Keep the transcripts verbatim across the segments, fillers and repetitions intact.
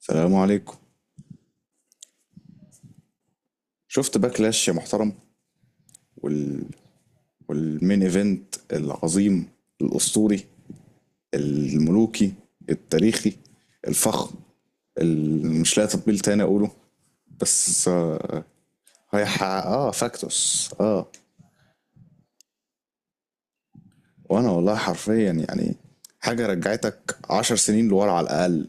السلام عليكم. شفت باكلاش يا محترم؟ وال... والمين ايفنت العظيم، الاسطوري، الملوكي، التاريخي، الفخم اللي مش لاقي تطبيل تاني اقوله. بس آه. هيح... اه فاكتوس اه. وانا والله حرفيا يعني حاجه رجعتك عشر سنين لورا على الاقل.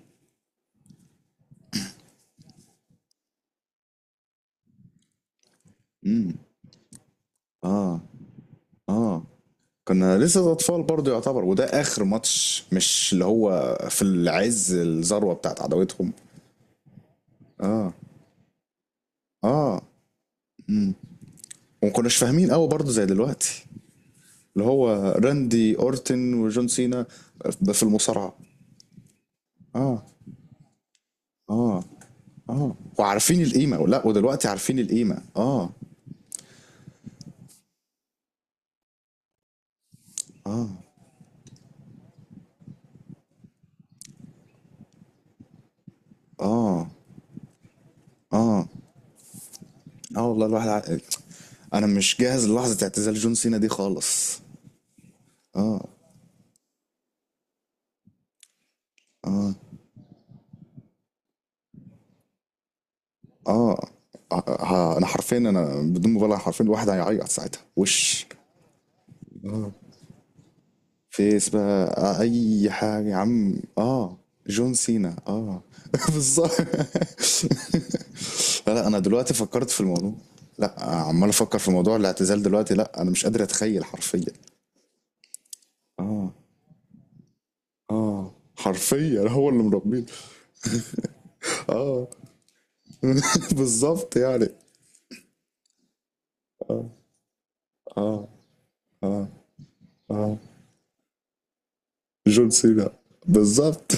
امم اه اه، كنا لسه اطفال برضه يعتبر، وده اخر ماتش، مش اللي هو في العز الذروه بتاعت عداوتهم. اه اه امم وما كناش فاهمين قوي برضه زي دلوقتي، اللي هو راندي اورتن وجون سينا، آه، في المصارعه. اه اه اه وعارفين القيمه، لا ودلوقتي عارفين القيمه اه. اه اه اه اه والله الواحد ع... انا مش جاهز للحظه اعتزال جون سينا دي خالص. اه آه، آه، انا حرفيا انا بدون مبالغه حرفيا الواحد هيعيط ساعتها وش. فيس بقى، آه، اي حاجة يا عم اه. جون سينا اه. بالظبط. لا لا، انا دلوقتي فكرت في الموضوع، لا عمال افكر في موضوع الاعتزال دلوقتي، لا انا مش قادر اتخيل حرفيا. اه اه، حرفيا هو اللي مربيني. اه بالظبط يعني. اه اه اه اه جون سينا. بالظبط.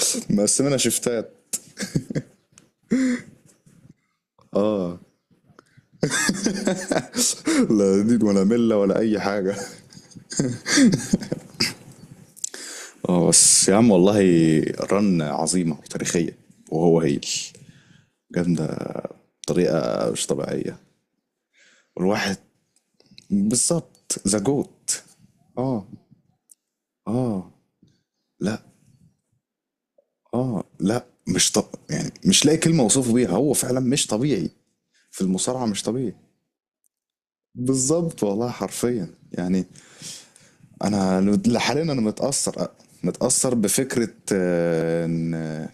مقسمنا شفتات. اه لا دين ولا ملة ولا اي حاجة. اه بس يا عم والله، رن عظيمة وتاريخية، وهو هيل جامدة بطريقة مش طبيعية. والواحد بالظبط ذا جوت. اه اه لا اه لا. مش طب يعني مش لاقي كلمة اوصفه بيها، هو فعلا مش طبيعي في المصارعة، مش طبيعي. بالظبط والله حرفيا يعني. انا لحاليا انا متأثر، متأثر بفكرة آه، ان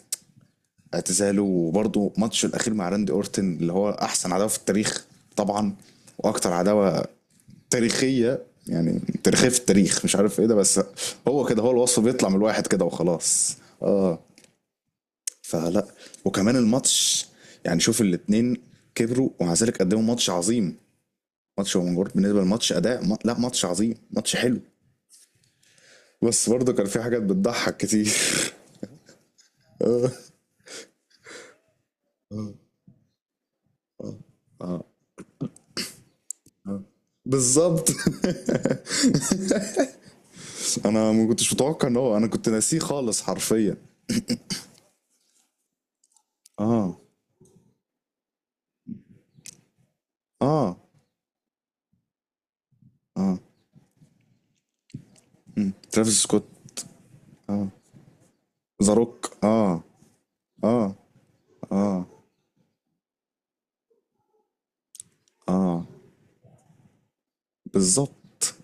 اعتزاله، وبرضه ماتشه الاخير مع راندي اورتن اللي هو احسن عداوه في التاريخ. طبعا. واكتر عداوه تاريخيه، يعني تاريخيه في التاريخ مش عارف ايه ده، بس هو كده، هو الوصف بيطلع من الواحد كده وخلاص اه. فلا. وكمان الماتش يعني، شوف الاتنين كبروا ومع ذلك قدموا ماتش عظيم. ماتش هو مجرد بالنسبه للماتش اداء ما... لا ماتش عظيم، ماتش حلو. بس برضه كان في حاجات بتضحك كتير. آه، بالظبط. انا ما كنتش متوقع ان هو، انا كنت ناسيه خالص حرفيا. آه. آه. آه ترافيس سكوت. ذا روك آه. آه. آه. آه بالظبط.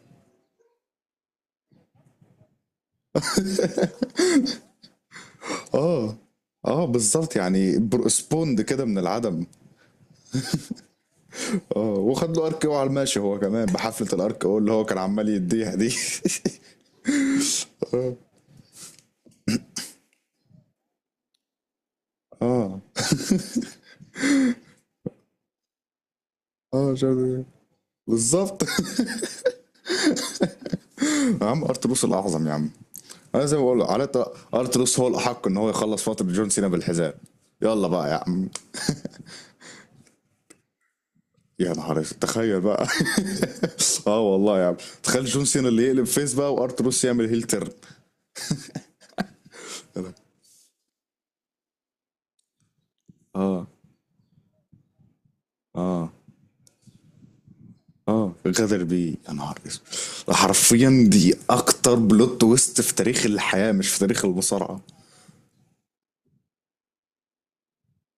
آه. آه بالظبط يعني، بر- سبوند كده من العدم. آه وخد له ارك او على الماشي، هو كمان بحفلة الارك او اللي هو كان عمال يديها دي. اه اه شايف. بالظبط. يا عم ارتلوس الاعظم يا عم. انا زي ما بقول على الأقل، ارتلوس هو الاحق ان هو يخلص فتره جون سينا بالحزام. يلا بقى يا عم. يا نهار اسود، تخيل بقى. اه والله يا عم، تخيل جون سينا اللي يقلب فيس بقى وارتروس يعمل هيل تيرن. اه اه. اه غدر بيه، يا نهار اسود، ده حرفيا دي اكتر بلوت تويست في تاريخ الحياه، مش في تاريخ المصارعه.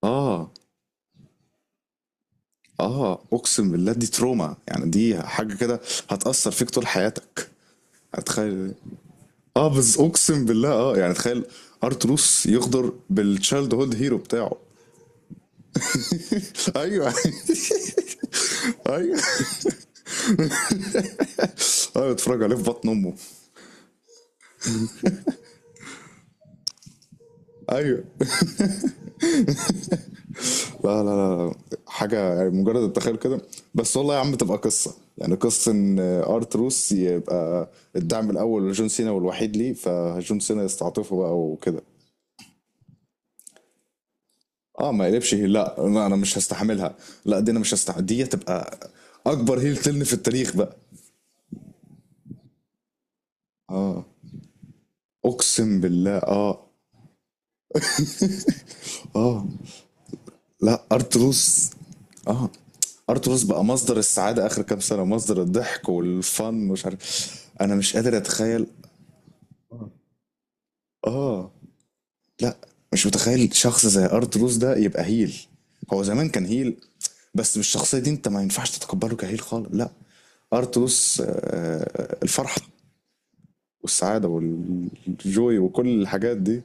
اه. اه اقسم بالله، دي تروما، يعني دي حاجه كده هتاثر فيك طول حياتك. هتخيل. اه بس اقسم بالله اه، يعني تخيل ارتروس يغدر بالتشايلد هود هيرو بتاعه. ايوه. ايوه. ايوه، اتفرج عليه في بطن امه. ايوه. لا لا لا، حاجة يعني، مجرد التخيل كده. بس والله يا عم، تبقى قصة، يعني قصة إن أرتروس يبقى الدعم الأول لجون سينا والوحيد ليه، فجون سينا يستعطفه بقى وكده. اه، ما يقلبش هيل، لا ما أنا مش هستحملها، لا دي أنا مش هستحمل، دي تبقى أكبر هيل تلن في التاريخ بقى. اه. أقسم بالله اه. اه لا أرتروس. اه ارتروس بقى مصدر السعاده اخر كام سنه، مصدر الضحك والفن، مش عارف. انا مش قادر اتخيل. اه. لا مش متخيل شخص زي ارت روز ده يبقى هيل. هو زمان كان هيل، بس بالشخصية دي انت ما ينفعش تتقبله كهيل خالص، لا. ارت روز آه، الفرحة والسعادة والجوي وكل الحاجات دي.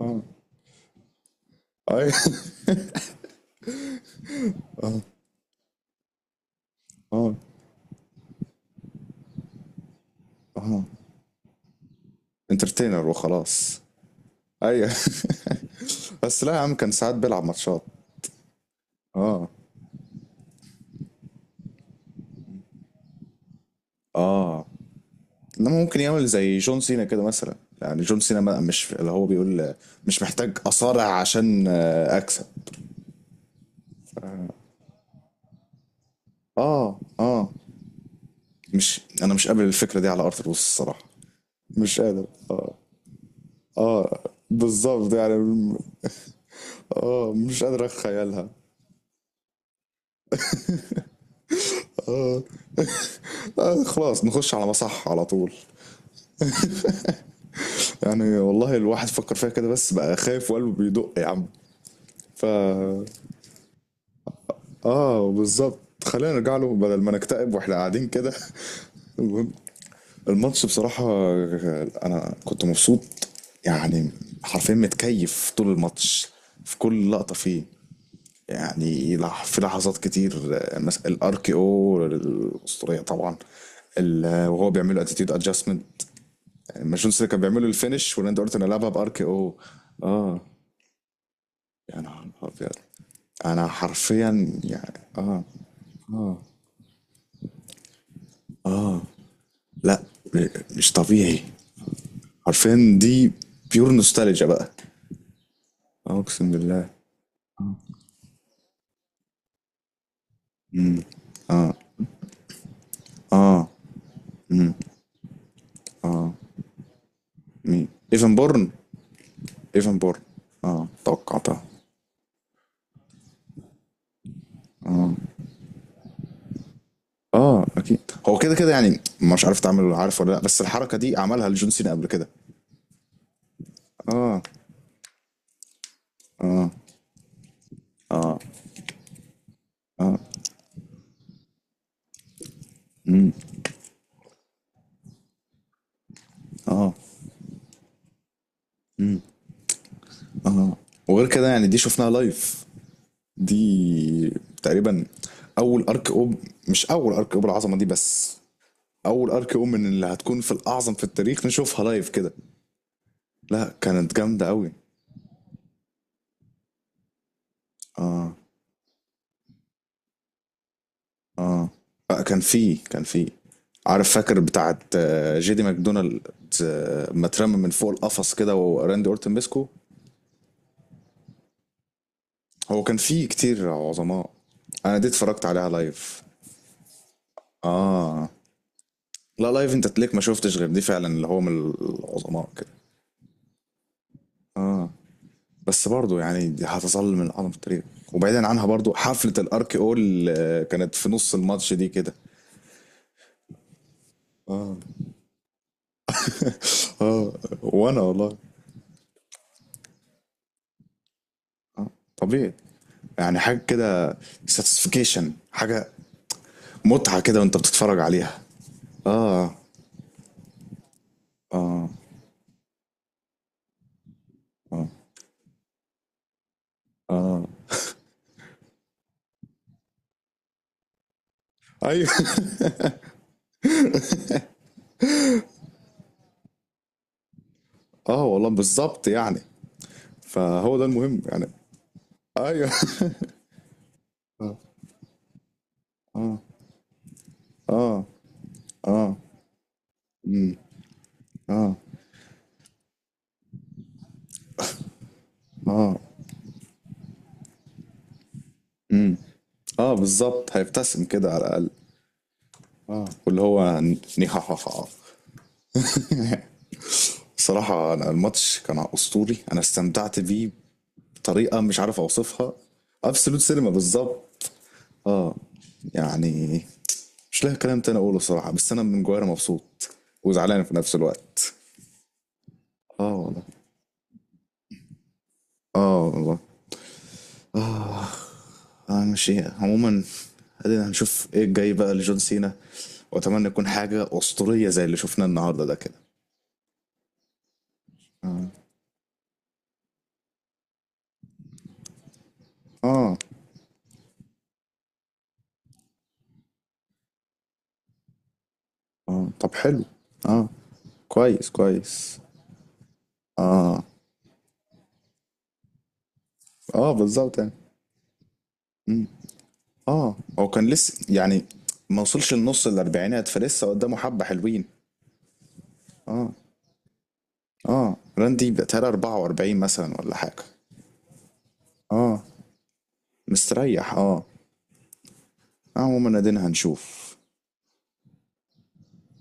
اه اي. اه اه انترتينر وخلاص. ايوه. بس لا يا عم، كان ساعات بيلعب ماتشات. اه اه. انما ممكن يعمل زي جون سينا كده مثلا. يعني جون سينا ما- مش اللي هو بيقول آه، مش محتاج اصارع عشان آه، اكسب. آه، آه، مش أنا مش قابل الفكرة دي على أرض الواقع الصراحة. مش قادر، آه، آه، بالضبط يعني م- آه، مش قادر أتخيلها، آه، آه، خلاص نخش على مصح على طول. يعني والله الواحد فكر فيها كده، بس بقى خايف وقلبه بيدق يا عم. ف آه بالظبط، خلينا نرجع له بدل ما نكتئب وإحنا قاعدين كده. المهم، الماتش بصراحة، أنا كنت مبسوط يعني، حرفيا متكيف طول الماتش، في كل لقطة فيه. يعني لح- في لحظات كتير آه، مثلا الار كي او الاسطوريه طبعا. ال- آه، وهو بيعمل له اتيتيود ادجستمنت، يعني ماجون سينا كان بيعمل له الفينش وراندي اورتون لعبها بار كي او. اه، يا نهار ابيض. انا حرفيا يعني اه. اه لا م- مش طبيعي. حرفيا دي بيور نوستالجيا بقى. آه، اقسم بالله. اه مين ايفن بورن. ايفن بورن. اه توقعتها. اه اكيد. هو كده كده يعني، مش عارف تعمل عارف ولا لا، بس الحركه دي عملها لجون سينا قبل كده. اه اه اه. وغير كده يعني، دي شفناها لايف، دي تقريبا اول ارك اوب، مش اول ارك اوب العظمه دي، بس اول ارك اوب من اللي هتكون في الاعظم في التاريخ نشوفها لايف كده. لا كانت جامده قوي. اه اه آه، كان في، كان في، عارف فاكر بتاعت آه، جيدي ماكدونالد آه، ما اترمى من فوق القفص كده وراندي اورتن مسكه. هو كان فيه كتير عظماء. انا دي اتفرجت عليها لايف. اه لا لايف انت تليك ما شفتش غير دي فعلا، اللي هو من العظماء كده. بس برضو يعني، دي هتظل من اعظم التاريخ. وبعيدا عنها برضو، حفلة الارك اول آه، كانت في نص الماتش دي كده. اه اه. وانا والله طبيعي يعني، حاجة كده، ساتسفيكيشن، حاجة متعة كده وانت بتتفرج عليها. اه اه اه اه. ايوه. اه والله بالظبط يعني. فهو ده المهم يعني. ايوه. اه اه اه بالظبط هيبتسم كده على الاقل. واللي هو نيهاهاها. الصراحه، أنا الماتش كان اسطوري، انا استمتعت بيه بطريقه مش عارف اوصفها. ابسولوت سينما بالظبط. اه يعني، مش لاقي كلام تاني اقوله صراحه، بس انا من جوايا مبسوط وزعلان في نفس الوقت. اه والله. اه والله. اه انا مش ايه، عموما ادينا هنشوف ايه الجاي بقى لجون سينا، واتمنى يكون حاجه اسطوريه زي اللي شفناه النهارده ده كده. اه آه، طب حلو. اه كويس كويس. اه اه بالظبط يعني. مم. اه هو كان لسه يعني، ما وصلش النص الاربعينات، فلسه قدامه حبة حلوين. اه اه راندي بقتها اربعه واربعين مثلا ولا حاجة. اه مستريح اه. آه، عموما ادينا هنشوف.